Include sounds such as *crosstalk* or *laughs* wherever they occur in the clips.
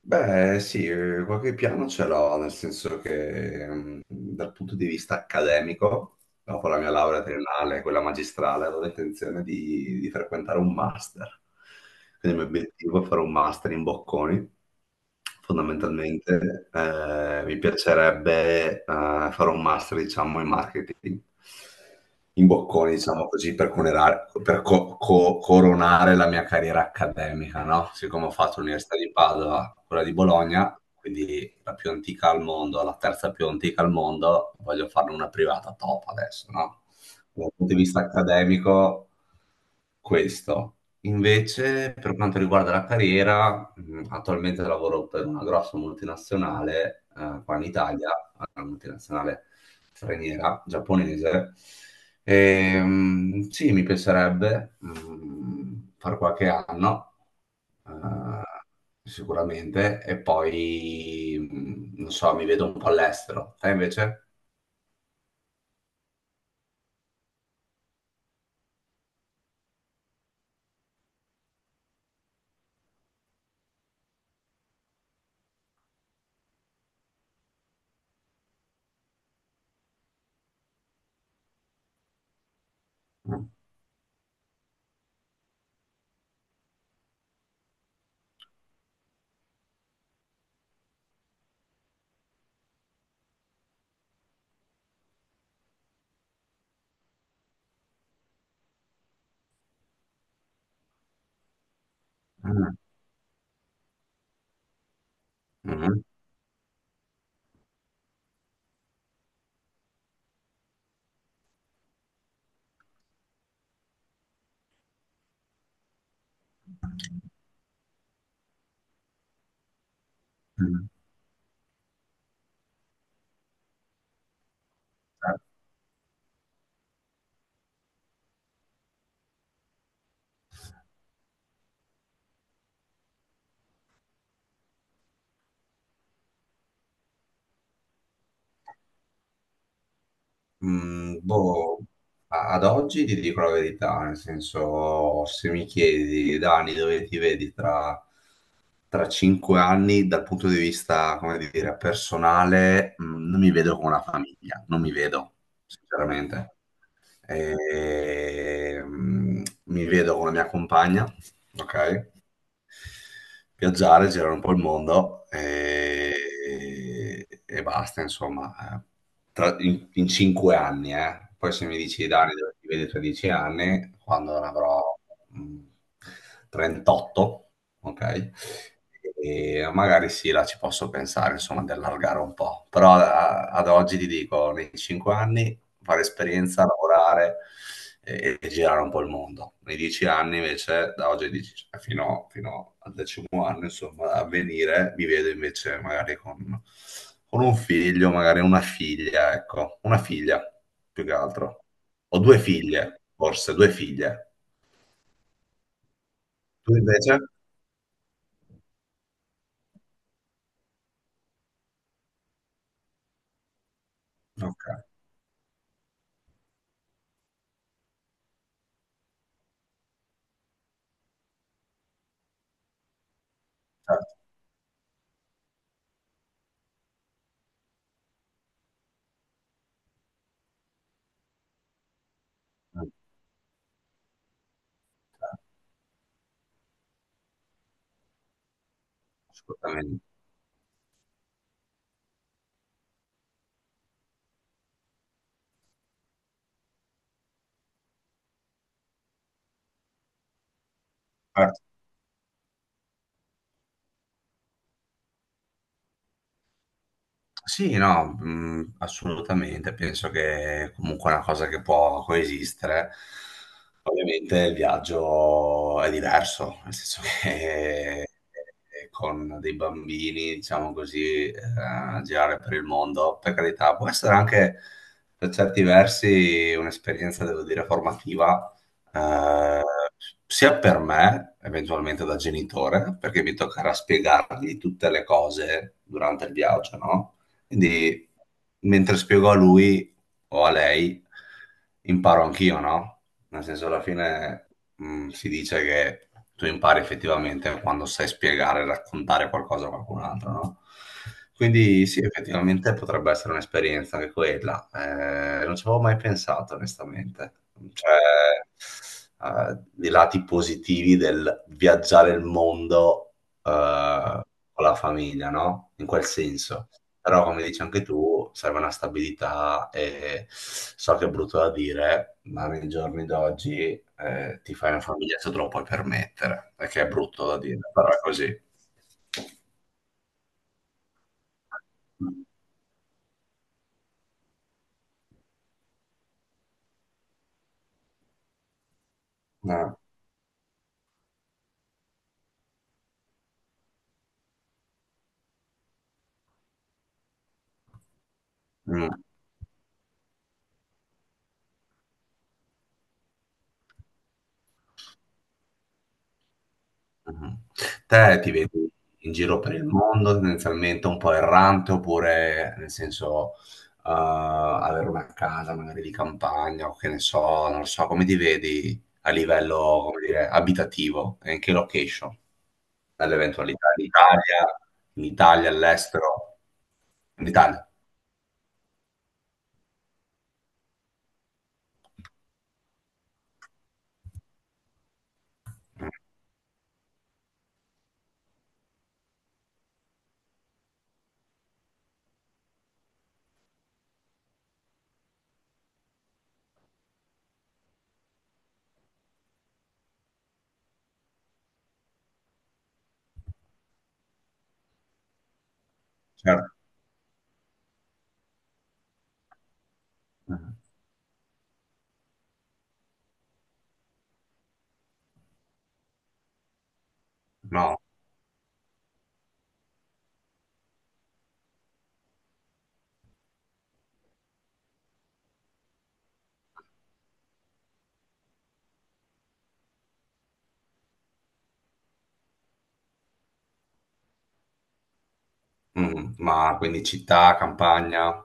Beh, sì, qualche piano ce l'ho, nel senso che dal punto di vista accademico, dopo la mia laurea triennale, quella magistrale, avevo intenzione di, frequentare un master. Quindi il mio obiettivo è fare un master in Bocconi. Fondamentalmente, mi piacerebbe fare un master, diciamo, in marketing in Bocconi, diciamo così, per, per coronare la mia carriera accademica, no? Siccome ho fatto l'Università di Padova, quella di Bologna, quindi la più antica al mondo, la terza più antica al mondo, voglio farne una privata top adesso, no? Dal punto di vista accademico, questo. Invece, per quanto riguarda la carriera, attualmente lavoro per una grossa multinazionale, qua in Italia, una multinazionale straniera, giapponese. E, sì, mi piacerebbe far qualche anno, eh, sicuramente, e poi, non so, mi vedo un po' all'estero. Te invece? Mm. Mm. Mm. Mm. Boh, ad oggi ti dico la verità, nel senso, se mi chiedi, Dani, dove ti vedi tra, 5 anni, dal punto di vista, come dire, personale, non mi vedo con una famiglia, non mi vedo, sinceramente. E, mi vedo con la mia compagna, ok? Viaggiare, girare un po' il mondo e, basta, insomma, eh. In, cinque anni, eh. Poi se mi dici Dani dove ti vedi tra 10 anni, quando ne avrò mh, 38, ok? E magari sì, là ci posso pensare, insomma, di allargare un po', però ad oggi ti dico, nei 5 anni fare esperienza, lavorare e, girare un po' il mondo. Nei 10 anni invece, da oggi cioè, fino, al decimo anno, insomma, a venire, mi vedo invece magari con, un figlio, magari una figlia, ecco, una figlia più che altro. Ho due figlie, forse, due figlie. Tu invece? Ok, certo. Assolutamente. Certo. Sì, no, assolutamente, penso che comunque è una cosa che può coesistere. Ovviamente il viaggio è diverso, nel senso che *laughs* con dei bambini, diciamo così, girare per il mondo, per carità, può essere anche per certi versi un'esperienza, devo dire, formativa, eh, sia per me, eventualmente da genitore, perché mi toccherà spiegargli tutte le cose durante il viaggio, no? Quindi, mentre spiego a lui o a lei, imparo anch'io, no? Nel senso, alla fine, si dice che tu impari effettivamente quando sai spiegare e raccontare qualcosa a qualcun altro, no? Quindi sì, effettivamente potrebbe essere un'esperienza anche quella. Non ci avevo mai pensato, onestamente. Cioè, i lati positivi del viaggiare il mondo, eh, con la famiglia, no? In quel senso. Però, come dici anche tu, serve una stabilità e so che è brutto da dire, ma nei giorni d'oggi ti fai una famiglia se te lo puoi permettere, perché è brutto da dire, però è così. Eh, mm. Mhm. Te ti vedi in giro per il mondo, tendenzialmente un po' errante, oppure nel senso avere una casa magari di campagna o che ne so, non lo so, come ti vedi a livello, come dire, abitativo e in che location? Nell'eventualità in Italia, all'estero, in Italia. Mm. Certo. Mm. No. Ma quindi città, campagna.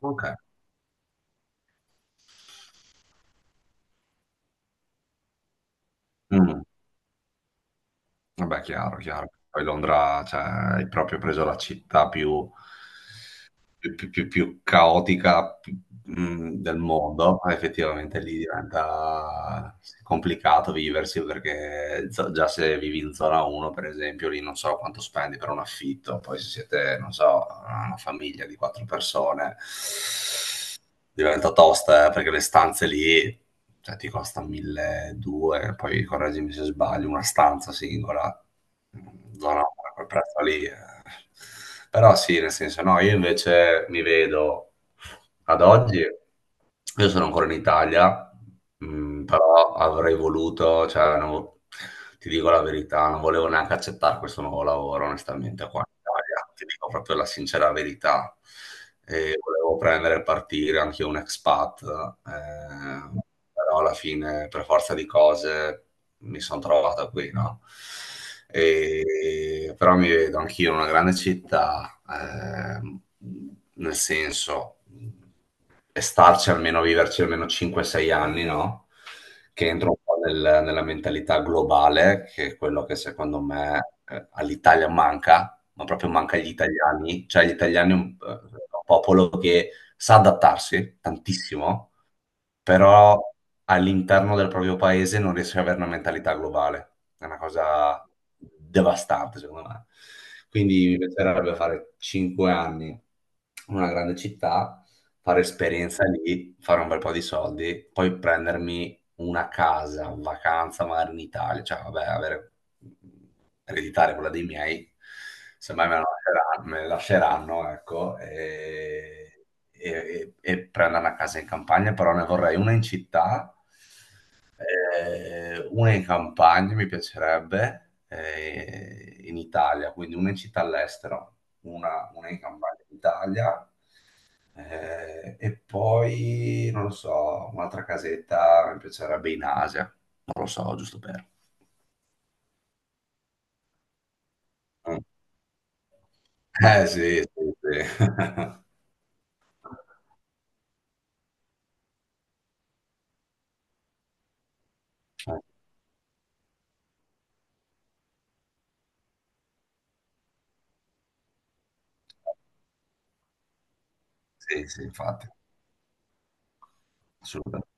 Ok. Mm. Vabbè, chiaro, chiaro. Poi Londra, cioè, hai proprio preso la città più, più caotica, del mondo. Effettivamente lì diventa complicato viversi perché già se vivi in zona 1, per esempio, lì non so quanto spendi per un affitto. Poi se siete, non so, una famiglia di quattro persone, diventa tosta, perché le stanze lì, cioè, ti costa 1.200, poi correggimi se sbaglio, una stanza singola. No, no, a quel prezzo lì. Eh. Però sì, nel senso, no, io invece mi vedo ad oggi, io sono ancora in Italia, però avrei voluto, cioè, non vo- ti dico la verità, non volevo neanche accettare questo nuovo lavoro, onestamente, qua in Italia, ti dico proprio la sincera verità. E volevo prendere e partire anche un expat, eh, però alla fine, per forza di cose, mi sono trovato qui, no? Però mi vedo anch'io in una grande città, nel senso, e starci almeno, viverci almeno 5-6 anni, no? Che entro un po' nella mentalità globale, che è quello che secondo me all'Italia manca, ma proprio manca agli italiani, cioè gli italiani è un, popolo che sa adattarsi tantissimo, però all'interno del proprio paese non riesce ad avere una mentalità globale. È una cosa devastante, secondo me. Quindi mi piacerebbe fare 5 anni in una grande città, fare esperienza lì, fare un bel po' di soldi, poi prendermi una casa, vacanza magari in Italia, cioè vabbè, avere, ereditare quella dei miei, semmai me la lasceranno, ecco, e, e prendere una casa in campagna, però ne vorrei una in città, una in campagna mi piacerebbe, in Italia, quindi una in città all'estero, una, in campagna in Italia, e poi, non lo so, un'altra casetta mi piacerebbe in Asia, non lo so, giusto per... Eh sì, sì, sì. *laughs* Sì, sì, infatti, assolutamente.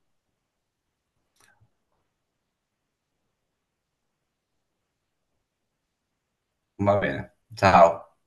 Va bene, ciao.